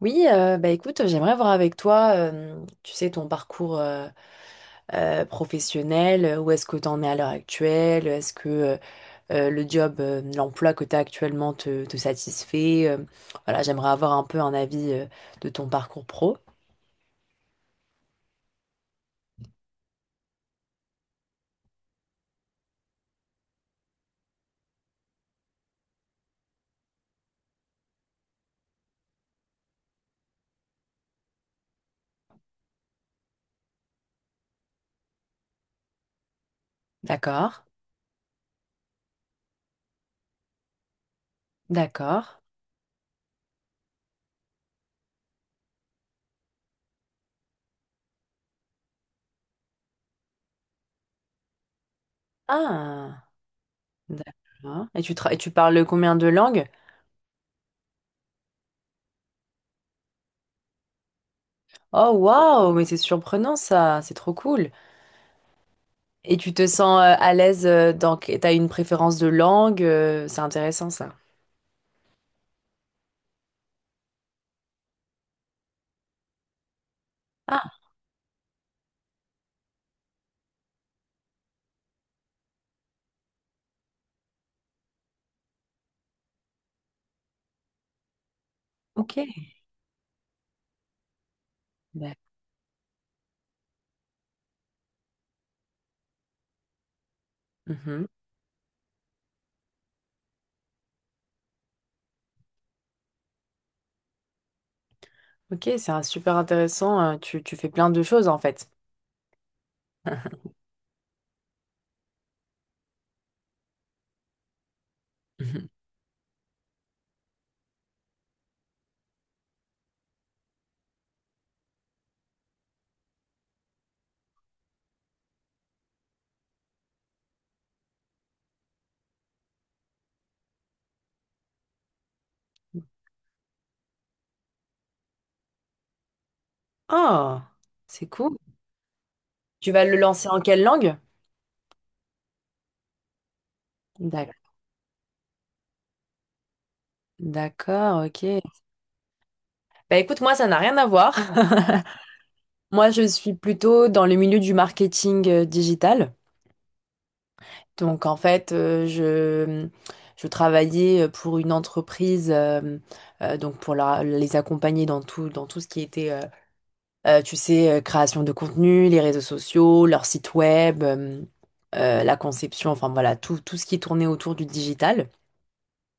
Oui, bah écoute, j'aimerais voir avec toi, tu sais, ton parcours professionnel, où est-ce que tu en es à l'heure actuelle? Est-ce que le job, l'emploi que tu as actuellement te satisfait? Voilà, j'aimerais avoir un peu un avis de ton parcours pro. D'accord, d'accord. Ah, d'accord. Et tu parles combien de langues? Oh waouh, mais c'est surprenant ça, c'est trop cool. Et tu te sens à l'aise. T'as une préférence de langue? C'est intéressant ça. Ah, ok. D'ac- Mhm. Ok, c'est un super intéressant. Tu fais plein de choses en fait. Mhm. Oh, c'est cool. Tu vas le lancer en quelle langue? D'ac- D'accord, ok. Bah écoute, moi, ça n'a rien à voir. Moi, je suis plutôt dans le milieu du marketing digital. Donc, en fait, je travaillais pour une entreprise, donc pour les accompagner dans tout ce qui était tu sais, création de contenu, les réseaux sociaux, leur site web, la conception, enfin voilà, tout ce qui tournait autour du digital.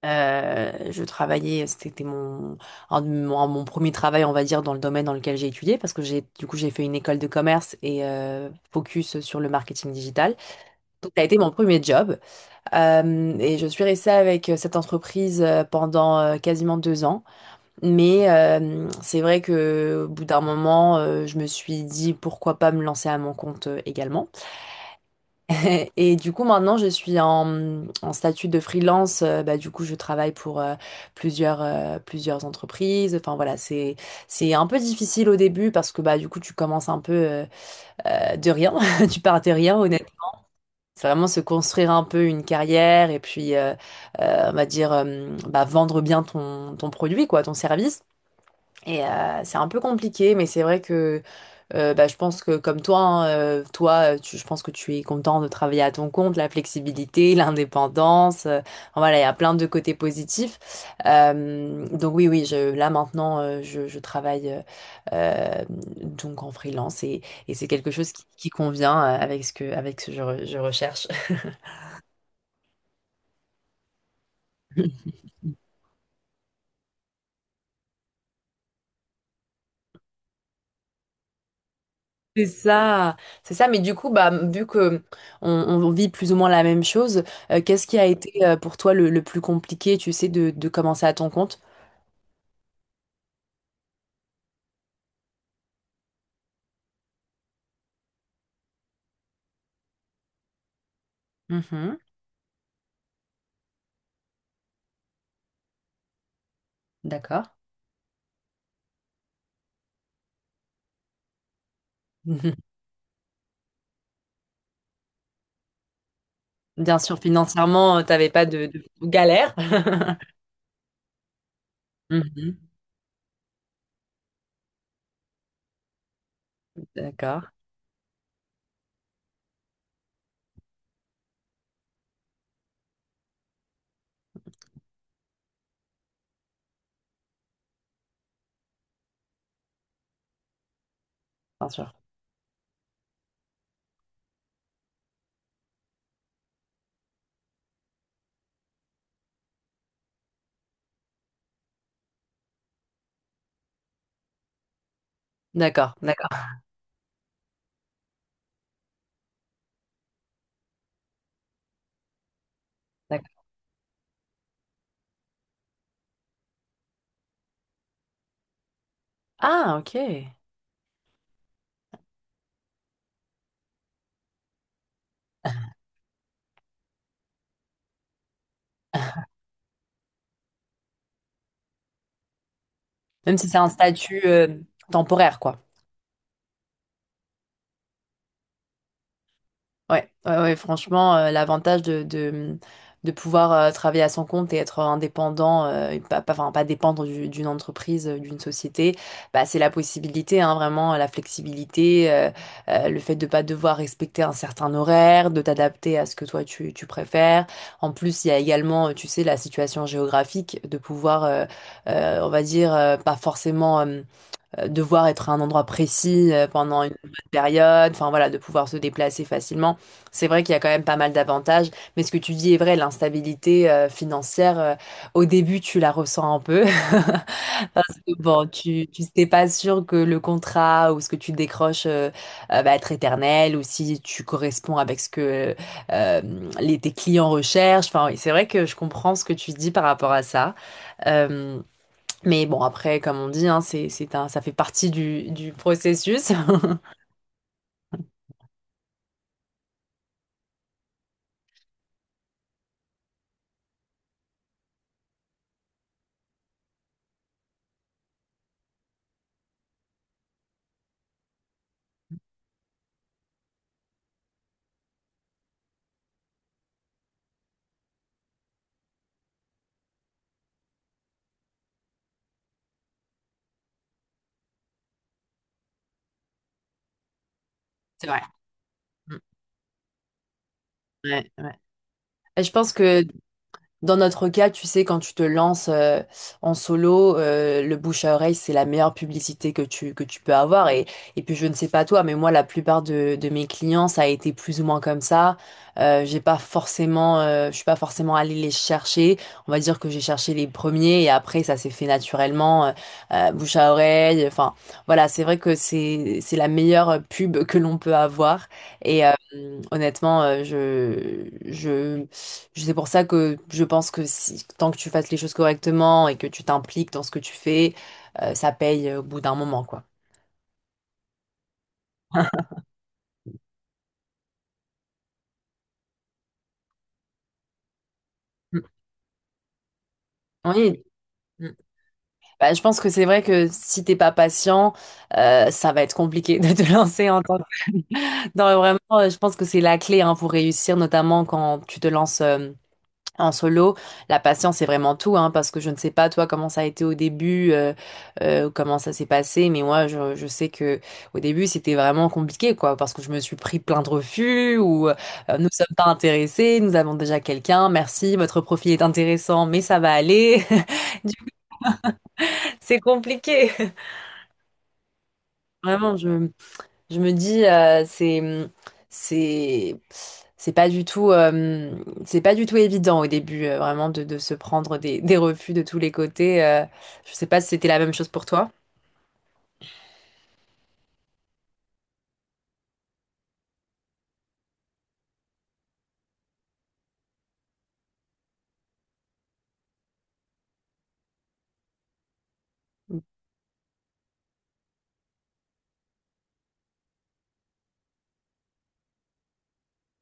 Je travaillais, c'était mon, un de mon, mon premier travail, on va dire, dans le domaine dans lequel j'ai étudié, parce que du coup, j'ai fait une école de commerce et focus sur le marketing digital. Donc, ça a été mon premier job. Et je suis restée avec cette entreprise pendant quasiment 2 ans. Mais c'est vrai que au bout d'un moment, je me suis dit pourquoi pas me lancer à mon compte également. Et du coup, maintenant, je suis en statut de freelance. Bah, du coup, je travaille pour plusieurs entreprises. Enfin voilà, c'est un peu difficile au début parce que bah, du coup, tu commences un peu de rien. Tu pars de rien, honnêtement. C'est vraiment se construire un peu une carrière et puis, on va dire, bah, vendre bien ton produit, quoi, ton service. Et c'est un peu compliqué, mais c'est vrai que bah, je pense que comme toi, hein, je pense que tu es content de travailler à ton compte, la flexibilité, l'indépendance. Enfin voilà, il y a plein de côtés positifs. Donc oui, oui, là maintenant, je travaille euh, donc en freelance et c'est quelque chose qui convient avec ce que je recherche. C'est ça, c'est ça. Mais du coup, bah, vu que on vit plus ou moins la même chose, qu'est-ce qui a été pour toi le plus compliqué, tu sais, de commencer à ton compte? Mhm, d'accord. Mhm. Bien sûr, financièrement, tu t'avais pas de galère. Mhm, d'accord, bien sûr. D'accord, d'accord, d'accord. Ah, ok. Même si c'est un statut temporaire, quoi. Ouais, ouais, ouais, franchement, l'avantage de pouvoir travailler à son compte et être indépendant, et pas, pas, enfin, pas dépendre d'une entreprise, d'une société, bah, c'est la possibilité, hein, vraiment, la flexibilité, le fait de pas devoir respecter un certain horaire, de t'adapter à ce que toi tu préfères. En plus, il y a également, tu sais, la situation géographique, de pouvoir, on va dire, pas forcément, devoir être à un endroit précis pendant une bonne période, enfin voilà, de pouvoir se déplacer facilement. C'est vrai qu'il y a quand même pas mal d'avantages, mais ce que tu dis est vrai, l'instabilité financière, au début, tu la ressens un peu. Parce que bon, tu n'es pas sûr que le contrat ou ce que tu décroches va être éternel ou si tu corresponds avec ce que euh, tes clients recherchent. Enfin, oui, c'est vrai que je comprends ce que tu dis par rapport à ça. Euh, mais bon, après, comme on dit, hein, ça fait partie du processus. C'est vrai. Mm. Ouais, ouais. Et je pense que dans notre cas, tu sais, quand tu te lances en solo, le bouche à oreille, c'est la meilleure publicité que tu peux avoir. Et puis, je ne sais pas toi, mais moi, la plupart de mes clients, ça a été plus ou moins comme ça. J'ai pas forcément, je suis pas forcément allée les chercher. On va dire que j'ai cherché les premiers et après, ça s'est fait naturellement, bouche à oreille. Enfin, voilà, c'est vrai que c'est la meilleure pub que l'on peut avoir. Et honnêtement, je c'est pour ça que je pense que si, tant que tu fasses les choses correctement et que tu t'impliques dans ce que tu fais, ça paye au bout d'un moment, quoi. Mm. Oui. Mm. Bah, je pense que c'est vrai que si t'es pas patient, ça va être compliqué de te lancer en tant que... Non, mais vraiment, je pense que c'est la clé hein, pour réussir, notamment quand tu te lances. En solo, la patience, c'est vraiment tout, hein, parce que je ne sais pas, toi, comment ça a été au début, comment ça s'est passé, mais moi, je sais que au début, c'était vraiment compliqué, quoi, parce que je me suis pris plein de refus, ou nous sommes pas intéressés, nous avons déjà quelqu'un, merci, votre profil est intéressant, mais ça va aller. Du coup, c'est compliqué. Vraiment, je me dis, c'est, C'est pas du tout, c'est pas du tout évident au début, vraiment, de se prendre des refus de tous les côtés. Je sais pas si c'était la même chose pour toi.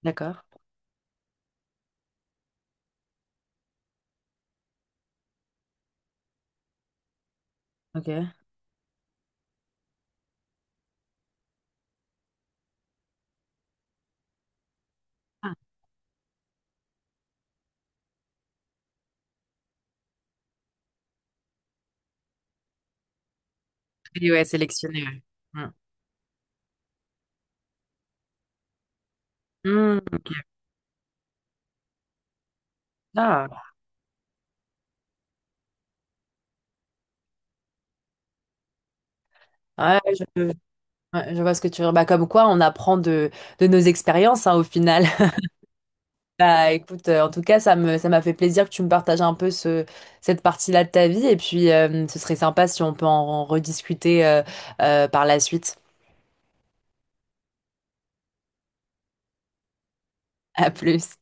D'accord, ok. Ah, oui, ouais, sélectionné. Ouais. Mm. Mm. Ah, ouais, je, ouais, je vois ce que tu veux dire. Bah, comme quoi, on apprend de nos expériences, hein, au final. Bah, écoute, en tout cas, ça m'a fait plaisir que tu me partages un peu cette partie-là de ta vie. Et puis, ce serait sympa si on peut en rediscuter par la suite. À plus.